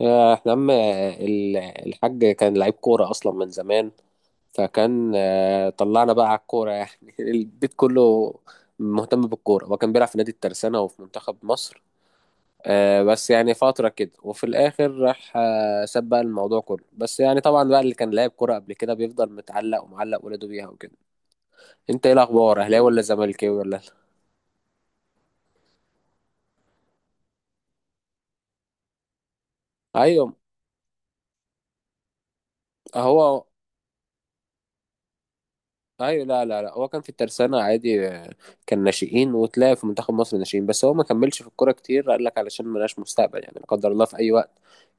يا احنا عم ال- الحاج كان لعيب كورة أصلا من زمان. فكان آه، طلعنا بقى على الكورة يعني البيت كله مهتم بالكورة، وكان بيلعب في نادي الترسانة وفي منتخب مصر. بس يعني فترة كده، وفي الآخر راح، ساب بقى الموضوع كله. بس يعني طبعا بقى اللي كان لاعب كورة قبل كده بيفضل متعلق ومعلق ولاده بيها وكده. انت ايه الأخبار؟ أهلاوي ولا زملكاوي ولا؟ أيوه. هو ايوه، لا لا لا، هو كان في الترسانة عادي. كان ناشئين، وتلاقي في منتخب مصر ناشئين، بس هو ما كملش في الكورة كتير. قال لك علشان ملهاش مستقبل يعني، لا قدر الله، في اي وقت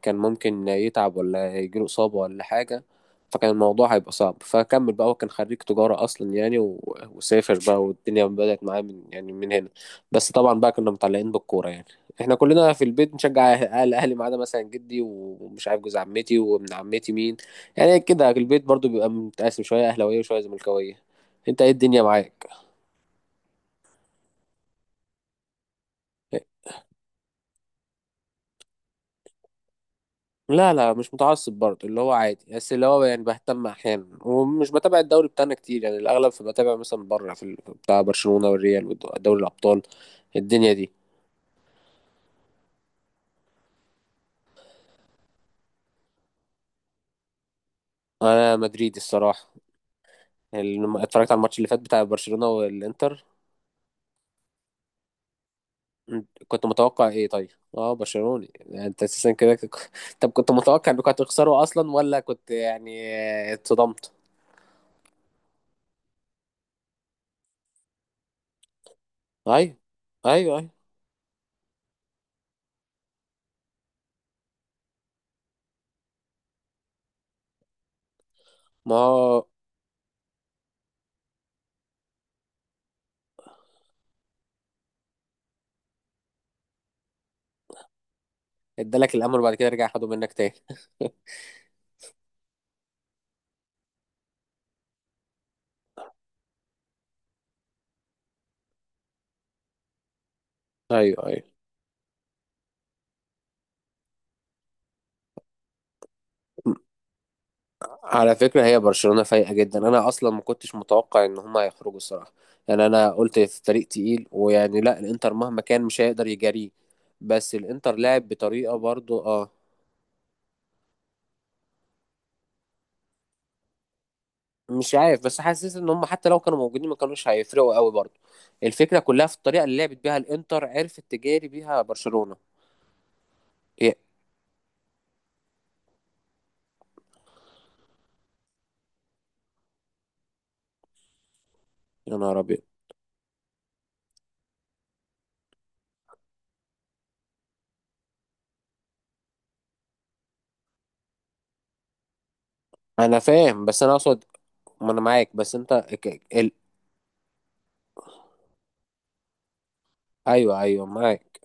كان ممكن يتعب ولا يجيله إصابة ولا حاجة، فكان الموضوع هيبقى صعب. فكمل بقى، هو كان خريج تجارة أصلا يعني وسافر بقى، والدنيا بدأت معاه من، يعني، من هنا. بس طبعا بقى كنا متعلقين بالكورة يعني. احنا كلنا في البيت بنشجع أهل الأهلي، ما عدا مثلا جدي ومش عارف جوز عمتي وابن عمتي مين. يعني كده البيت برضو بيبقى متقاسم، شوية أهلاوية وشوية زملكاوية. أنت إيه الدنيا معاك؟ لا لا، مش متعصب برضو، اللي هو عادي، بس اللي هو يعني بهتم أحيانا، ومش بتابع الدوري بتاعنا كتير يعني، الأغلب فبتابع مثلا بره بتاع برشلونة والريال ودوري الأبطال. الدنيا دي، أنا مدريدي الصراحة. اتفرجت على الماتش اللي فات بتاع برشلونة والإنتر. انت كنت متوقع إيه طيب؟ أه، برشلوني يعني، أنت أساسا كده طب كنت متوقع إنكم هتخسروا أصلا، ولا كنت يعني اتصدمت؟ ايوه، ايوه، ايوه. ما هو ادالك الامل وبعد كده رجع خده منك تاني. ايوه، ايوه. على فكره هي برشلونه فايقه جدا، انا اصلا ما كنتش متوقع ان هما هيخرجوا الصراحه. يعني انا قلت الفريق تقيل، ويعني لا، الانتر مهما كان مش هيقدر يجاريه. بس الانتر لعب بطريقه برضو، اه. مش عارف، بس حاسس ان هم حتى لو كانوا موجودين ما كانوش هيفرقوا قوي برضو. الفكره كلها في الطريقه اللي لعبت بيها الانتر، عرفت تجاري بيها برشلونه. يا يا نهار ابيض. انا فاهم، بس انا اقصد، ما انا معاك، بس ايوه، ايوه، معاك.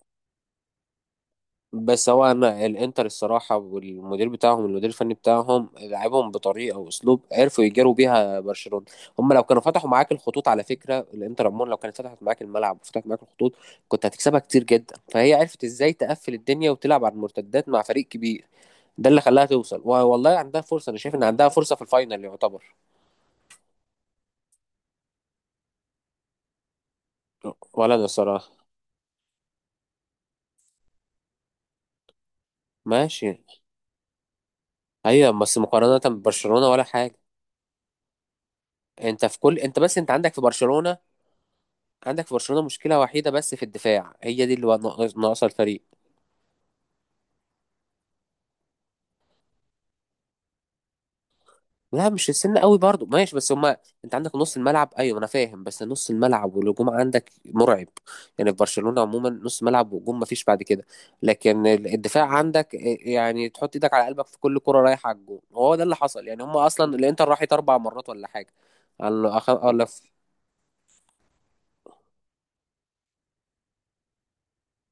بس هو انا الانتر الصراحه، والمدير بتاعهم، المدير الفني بتاعهم، لعبهم بطريقه واسلوب عرفوا يجاروا بيها برشلونه. هم لو كانوا فتحوا معاك الخطوط، على فكره الانتر عموما لو كانت فتحت معاك الملعب وفتحت معاك الخطوط، كنت هتكسبها كتير جدا. فهي عرفت ازاي تقفل الدنيا وتلعب على المرتدات مع فريق كبير. ده اللي خلاها توصل، والله عندها فرصه، انا شايف ان عندها فرصه في الفاينل يعتبر. ولا انا الصراحه، ماشي. ايوه، بس مقارنه ببرشلونه ولا حاجه. انت في كل انت بس انت عندك في برشلونة، عندك في برشلونة مشكلة وحيدة بس في الدفاع، هي دي اللي هو ناقصه الفريق. لا، مش السن قوي برضو، ماشي، بس هما. انت عندك نص الملعب، ايوه انا فاهم، بس نص الملعب والهجوم عندك مرعب. يعني في برشلونة عموما نص ملعب وهجوم، مفيش بعد كده. لكن الدفاع عندك، يعني تحط ايدك على قلبك في كل كرة رايحة على الجون، وهو ده اللي حصل يعني. هما اصلا الانتر راحت 4 مرات ولا حاجة. على على-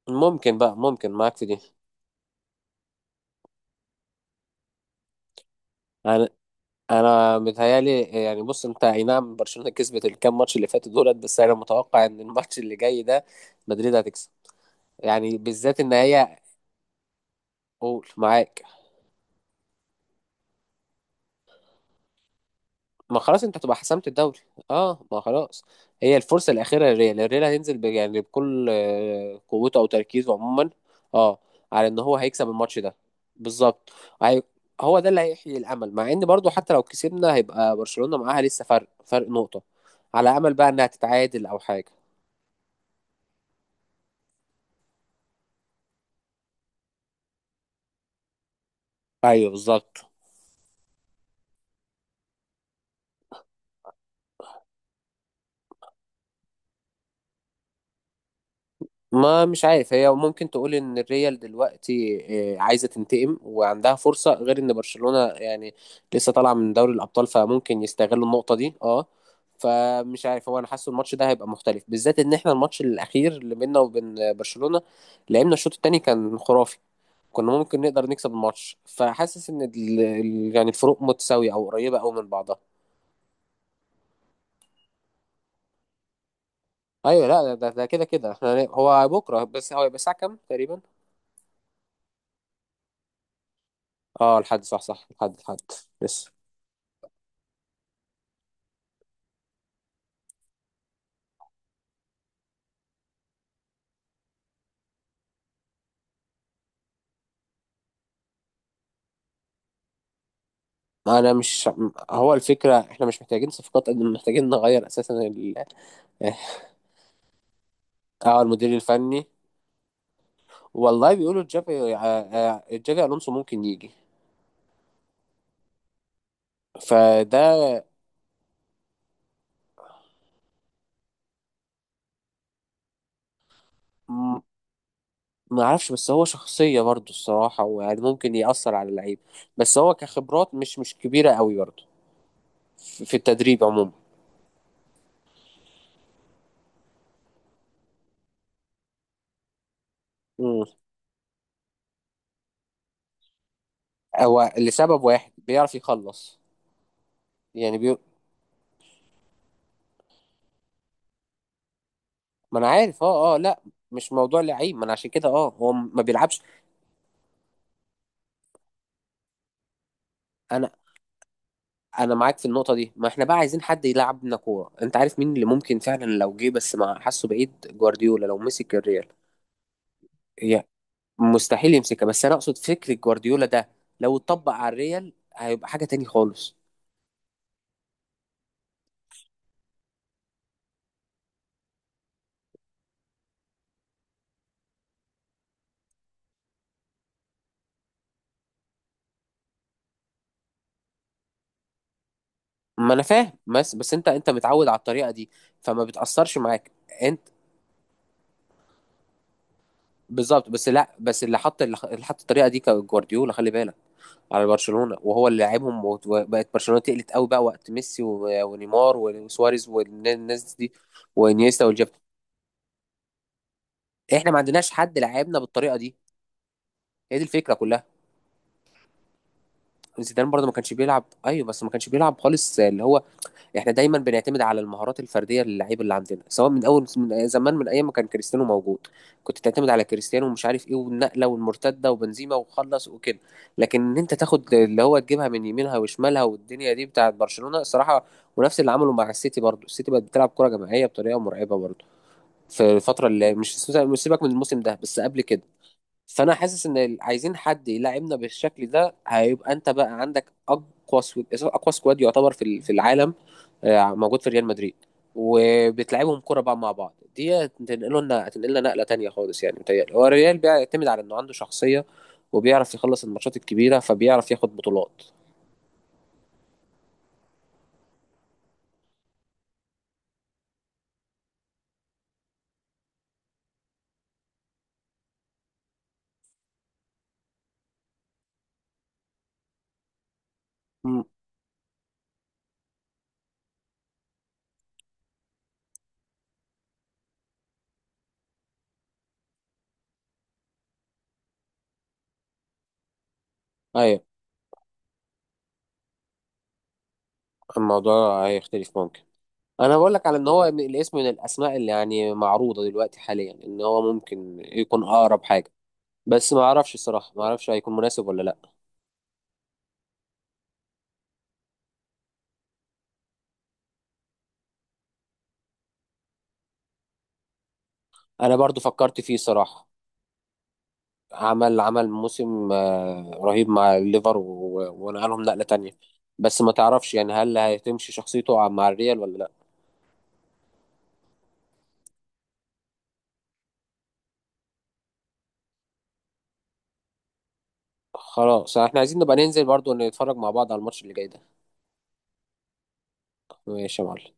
ممكن بقى، ممكن معاك في دي. انا متهيالي يعني، بص، انت اي نعم برشلونه كسبت الكام ماتش اللي فاتوا دولت، بس انا متوقع ان الماتش اللي جاي ده مدريد هتكسب. يعني بالذات ان هي، قول معاك. ما خلاص، انت هتبقى حسمت الدوري. اه، ما خلاص. هي الفرصه الاخيره للريال، الريال هينزل يعني بكل، قوته او تركيزه عموما. اه، على ان هو هيكسب الماتش ده. بالظبط. هي- هو ده اللي هيحيي الامل، مع ان برضو حتى لو كسبنا هيبقى برشلونه معاها لسه فرق نقطه، على امل بقى انها تتعادل او حاجه. ايوه، بالظبط. ما مش عارف، هي ممكن تقول ان الريال دلوقتي عايزه تنتقم وعندها فرصه، غير ان برشلونه يعني لسه طالعه من دوري الابطال، فممكن يستغلوا النقطه دي، اه. فمش عارف، هو انا حاسه الماتش ده هيبقى مختلف، بالذات ان احنا الماتش الاخير اللي بيننا وبين برشلونه لعبنا الشوط الثاني كان خرافي. كنا ممكن نقدر نكسب الماتش. فحاسس ان يعني الفروق متساويه او قريبه قوي من بعضها. ايوه، لا، ده كده كده، هو بكره، بس هو هيبقى الساعه كام تقريبا؟ اه، الحد، صح صح، الحد. بس انا مش هو الفكره، احنا مش محتاجين صفقات قد ما محتاجين نغير اساسا اه. المدير الفني، والله بيقولوا جافي آه، آه، جافي الونسو ممكن يجي، فده. م- ما اعرفش، بس هو شخصيه برضه الصراحه، ويعني ممكن ياثر على اللعيب. بس هو كخبرات مش كبيره قوي برضه، في التدريب عموما. مم. هو لسبب واحد بيعرف يخلص. يعني ما انا عارف، اه اه، لا، مش موضوع لعيب، ما انا عشان كده. اه، ما بيلعبش. انا انا معاك في النقطه دي. ما احنا بقى عايزين حد يلعبنا كوره، انت عارف مين اللي ممكن فعلا لو جه؟ بس ما حاسه بعيد. جوارديولا لو مسك الريال. هي مستحيل يمسكها، بس انا اقصد فكر جوارديولا ده لو اتطبق على الريال هيبقى حاجه تاني خالص. ما انا فاهم، بس، انت متعود على الطريقه دي، فما بتاثرش معاك. انت بالظبط، بس، لا، بس اللي حط الطريقه دي كان جوارديولا، خلي بالك. على برشلونة، وهو اللي لعبهم وبقت برشلونة تقلت قوي بقى وقت ميسي ونيمار وسواريز والناس دي، وانيستا والجاب. احنا ما عندناش حد لعبنا بالطريقة دي، هي دي الفكرة كلها. زيدان برضه ما كانش بيلعب، ايوه، بس ما كانش بيلعب خالص اللي هو. احنا دايما بنعتمد على المهارات الفرديه للعيب اللي عندنا، سواء من اول من زمان من ايام ما كان كريستيانو موجود، كنت تعتمد على كريستيانو ومش عارف ايه والنقله والمرتده وبنزيما، وخلص وكده. لكن ان انت تاخد اللي هو تجيبها من يمينها وشمالها، والدنيا دي بتاعت برشلونه الصراحه. ونفس اللي عمله مع السيتي، برضو السيتي بقت بتلعب كره جماعيه بطريقه مرعبه برضو، في الفتره اللي مش سيبك من الموسم ده، بس قبل كده. فانا حاسس ان عايزين حد يلعبنا بالشكل ده. هيبقى انت بقى عندك اقوى سكواد، اقوى سكواد يعتبر في العالم، موجود في ريال مدريد. وبتلعبهم كرة بقى مع بعض دي هتنقله لنا هتنقلنا نقلة تانية خالص. يعني متهيألي هو الريال بيعتمد على انه عنده شخصية وبيعرف يخلص الماتشات الكبيرة، فبيعرف ياخد بطولات. مم. ايوه، الموضوع هيختلف ممكن. انا بقول لك على ان هو الاسم، من الاسماء اللي يعني معروضة دلوقتي حاليا، ان هو ممكن يكون اقرب حاجة. بس ما اعرفش الصراحه، ما اعرفش هيكون مناسب ولا لا. انا برضو فكرت فيه صراحه. عمل موسم، رهيب مع الليفر ونقلهم نقله تانية. بس ما تعرفش يعني هل هتمشي شخصيته مع الريال ولا لا. خلاص، احنا عايزين نبقى ننزل برضو نتفرج مع بعض على الماتش اللي جاي ده. ماشي يا معلم.